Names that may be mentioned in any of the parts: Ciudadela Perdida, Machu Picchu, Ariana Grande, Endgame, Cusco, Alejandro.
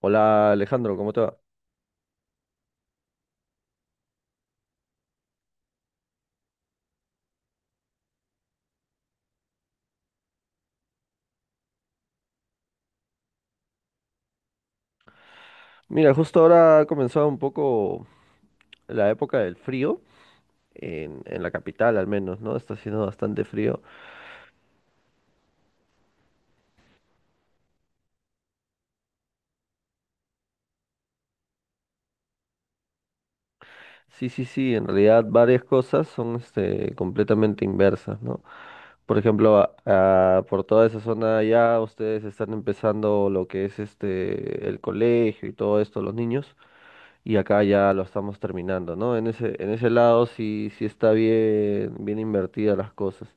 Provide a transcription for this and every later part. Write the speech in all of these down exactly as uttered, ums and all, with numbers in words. Hola Alejandro, ¿cómo te va? Mira, justo ahora ha comenzado un poco la época del frío, en, en la capital al menos, ¿no? Está haciendo bastante frío. Sí, sí, sí, en realidad varias cosas son este, completamente inversas, ¿no? Por ejemplo, a- a- por toda esa zona allá ustedes están empezando lo que es este, el colegio y todo esto, los niños, y acá ya lo estamos terminando, ¿no? En ese, en ese lado sí, sí está bien, bien invertidas las cosas.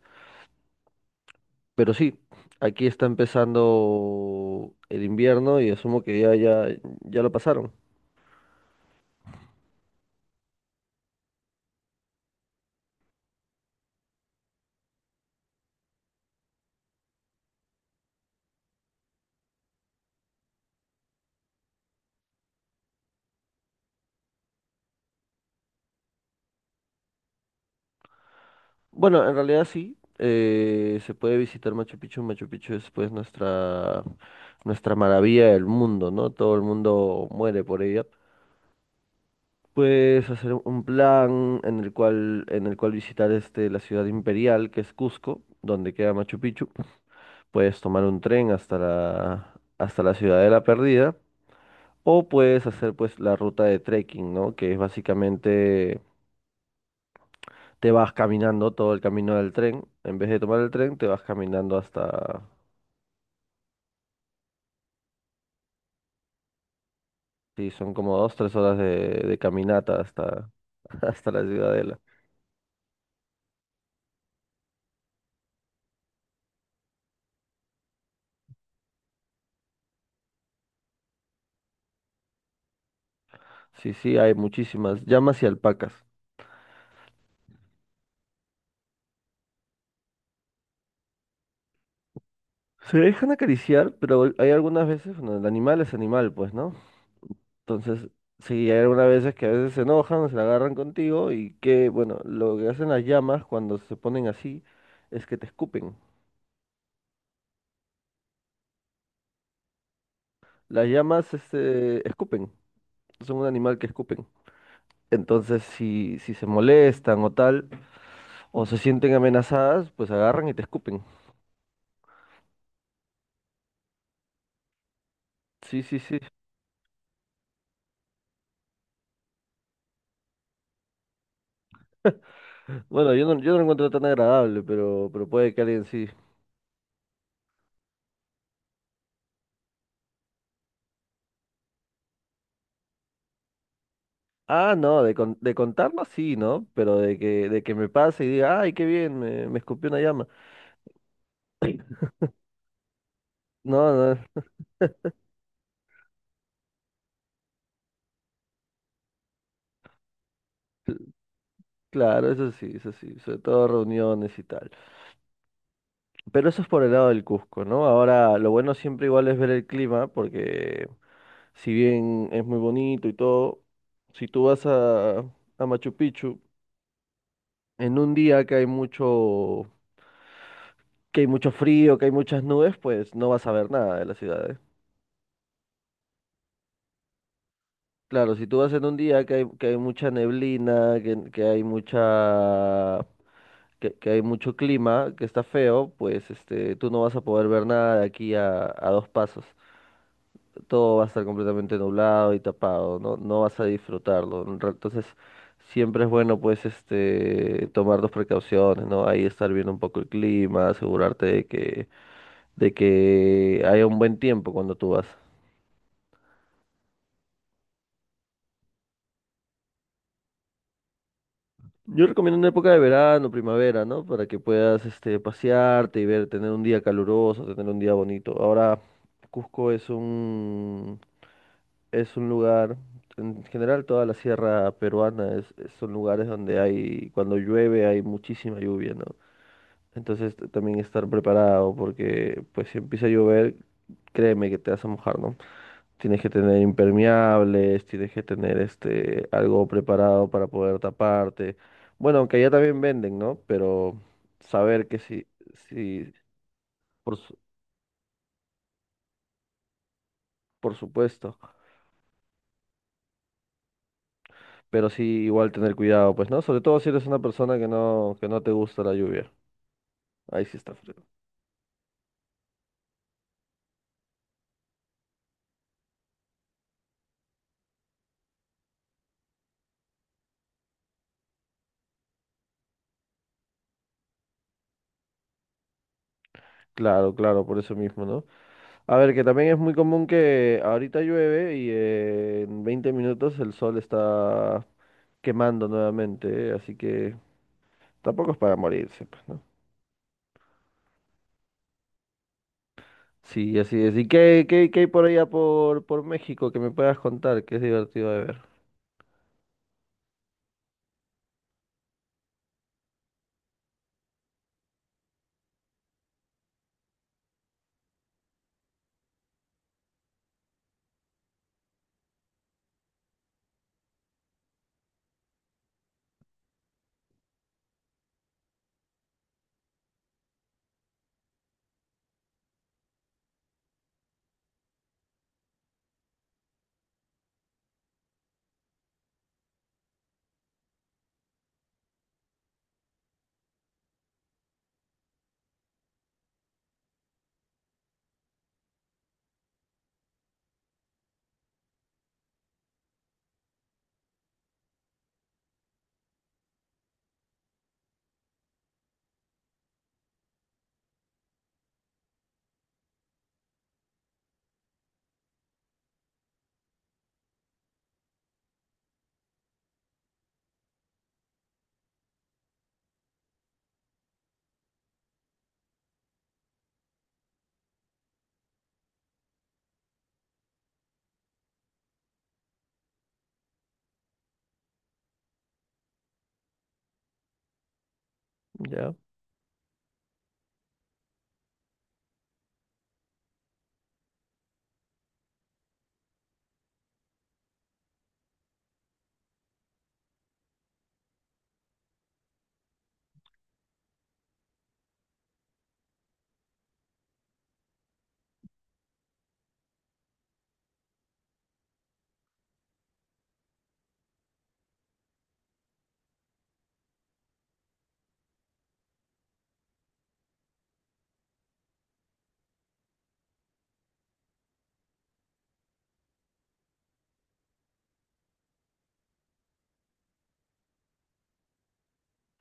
Pero sí, aquí está empezando el invierno y asumo que ya, ya, ya lo pasaron. Bueno, en realidad sí, eh, se puede visitar Machu Picchu. Machu Picchu es pues nuestra, nuestra maravilla del mundo, ¿no? Todo el mundo muere por ella. Puedes hacer un plan en el cual, en el cual visitar este, la ciudad imperial, que es Cusco, donde queda Machu Picchu. Puedes tomar un tren hasta la, hasta la Ciudadela Perdida. O puedes hacer pues la ruta de trekking, ¿no? Que es básicamente te vas caminando todo el camino del tren. En vez de tomar el tren, te vas caminando hasta... Sí, son como dos, tres horas de, de caminata hasta, hasta la ciudadela. Sí, sí, hay muchísimas llamas y alpacas. Se dejan acariciar, pero hay algunas veces, bueno, el animal es animal, pues, ¿no? Entonces, sí, hay algunas veces que a veces se enojan, se la agarran contigo y que, bueno, lo que hacen las llamas cuando se ponen así es que te escupen. Las llamas, este, escupen. Son un animal que escupen. Entonces, si, si se molestan o tal, o se sienten amenazadas, pues agarran y te escupen. Sí, sí, sí. Bueno, yo no, yo no lo encuentro tan agradable, pero, pero puede que alguien sí. Ah, no, de, con- de contarlo sí, ¿no? Pero de que, de que me pase y diga, ay, qué bien, me, me escupió una llama. No, no, claro, eso sí, eso sí, sobre todo reuniones y tal. Pero eso es por el lado del Cusco, ¿no? Ahora, lo bueno siempre igual es ver el clima, porque si bien es muy bonito y todo, si tú vas a, a Machu Picchu en un día que hay mucho, que hay mucho frío, que hay muchas nubes, pues no vas a ver nada de la ciudad, ¿eh? Claro, si tú vas en un día que hay, que hay mucha neblina, que, que hay mucha, que, que hay mucho clima, que está feo, pues este, tú no vas a poder ver nada de aquí a, a dos pasos. Todo va a estar completamente nublado y tapado, no, no vas a disfrutarlo. re- Entonces, siempre es bueno, pues, este, tomar dos precauciones, ¿no? Ahí estar viendo un poco el clima, asegurarte de que, de que haya un buen tiempo cuando tú vas. Yo recomiendo una época de verano, primavera, ¿no? Para que puedas, este, pasearte y ver, tener un día caluroso, tener un día bonito. Ahora, Cusco es un Es un lugar, en general toda la sierra peruana es, es- son lugares donde hay, cuando llueve hay muchísima lluvia, ¿no? Entonces t- también estar preparado porque pues si empieza a llover, créeme que te vas a mojar, ¿no? Tienes que tener impermeables, tienes que tener este algo preparado para poder taparte. Bueno, aunque allá también venden, ¿no? Pero saber que sí, sí, por, su- por supuesto, pero sí igual tener cuidado, pues, ¿no? Sobre todo si eres una persona que no, que no te gusta la lluvia. Ahí sí está frío. Claro, claro, por eso mismo, ¿no? A ver, que también es muy común que ahorita llueve y eh, en veinte minutos el sol está quemando nuevamente, ¿eh? Así que tampoco es para morirse, pues, ¿no? Sí, así es. ¿Y qué, qué, qué hay por allá por, por México que me puedas contar? Que es divertido de ver. Ya,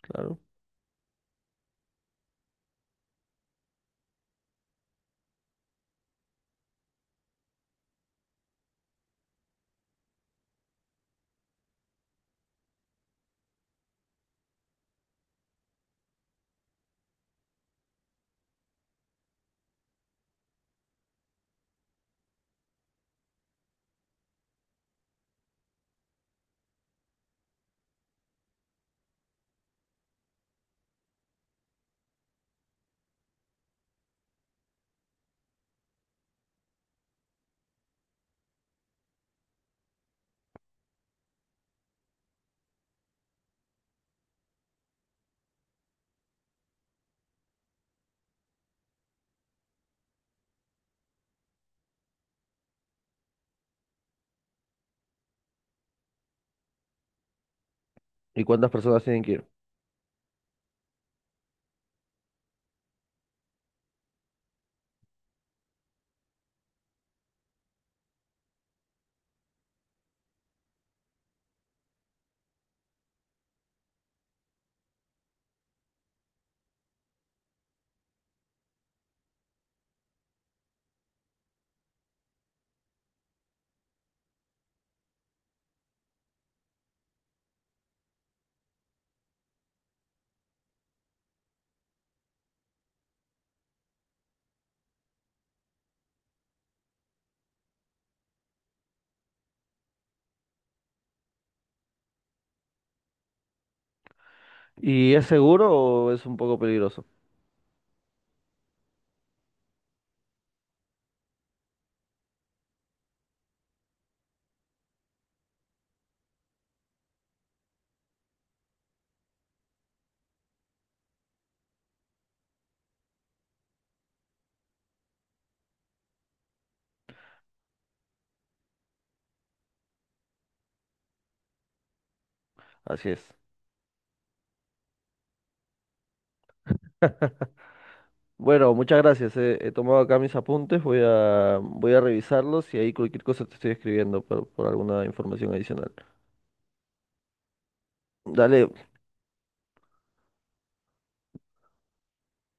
claro. ¿Y cuántas personas tienen que ir? ¿Y es seguro o es un poco peligroso? Así es. Bueno, muchas gracias. eh, He tomado acá mis apuntes, voy a, voy a revisarlos y ahí cualquier cosa te estoy escribiendo por, por alguna información adicional. Dale,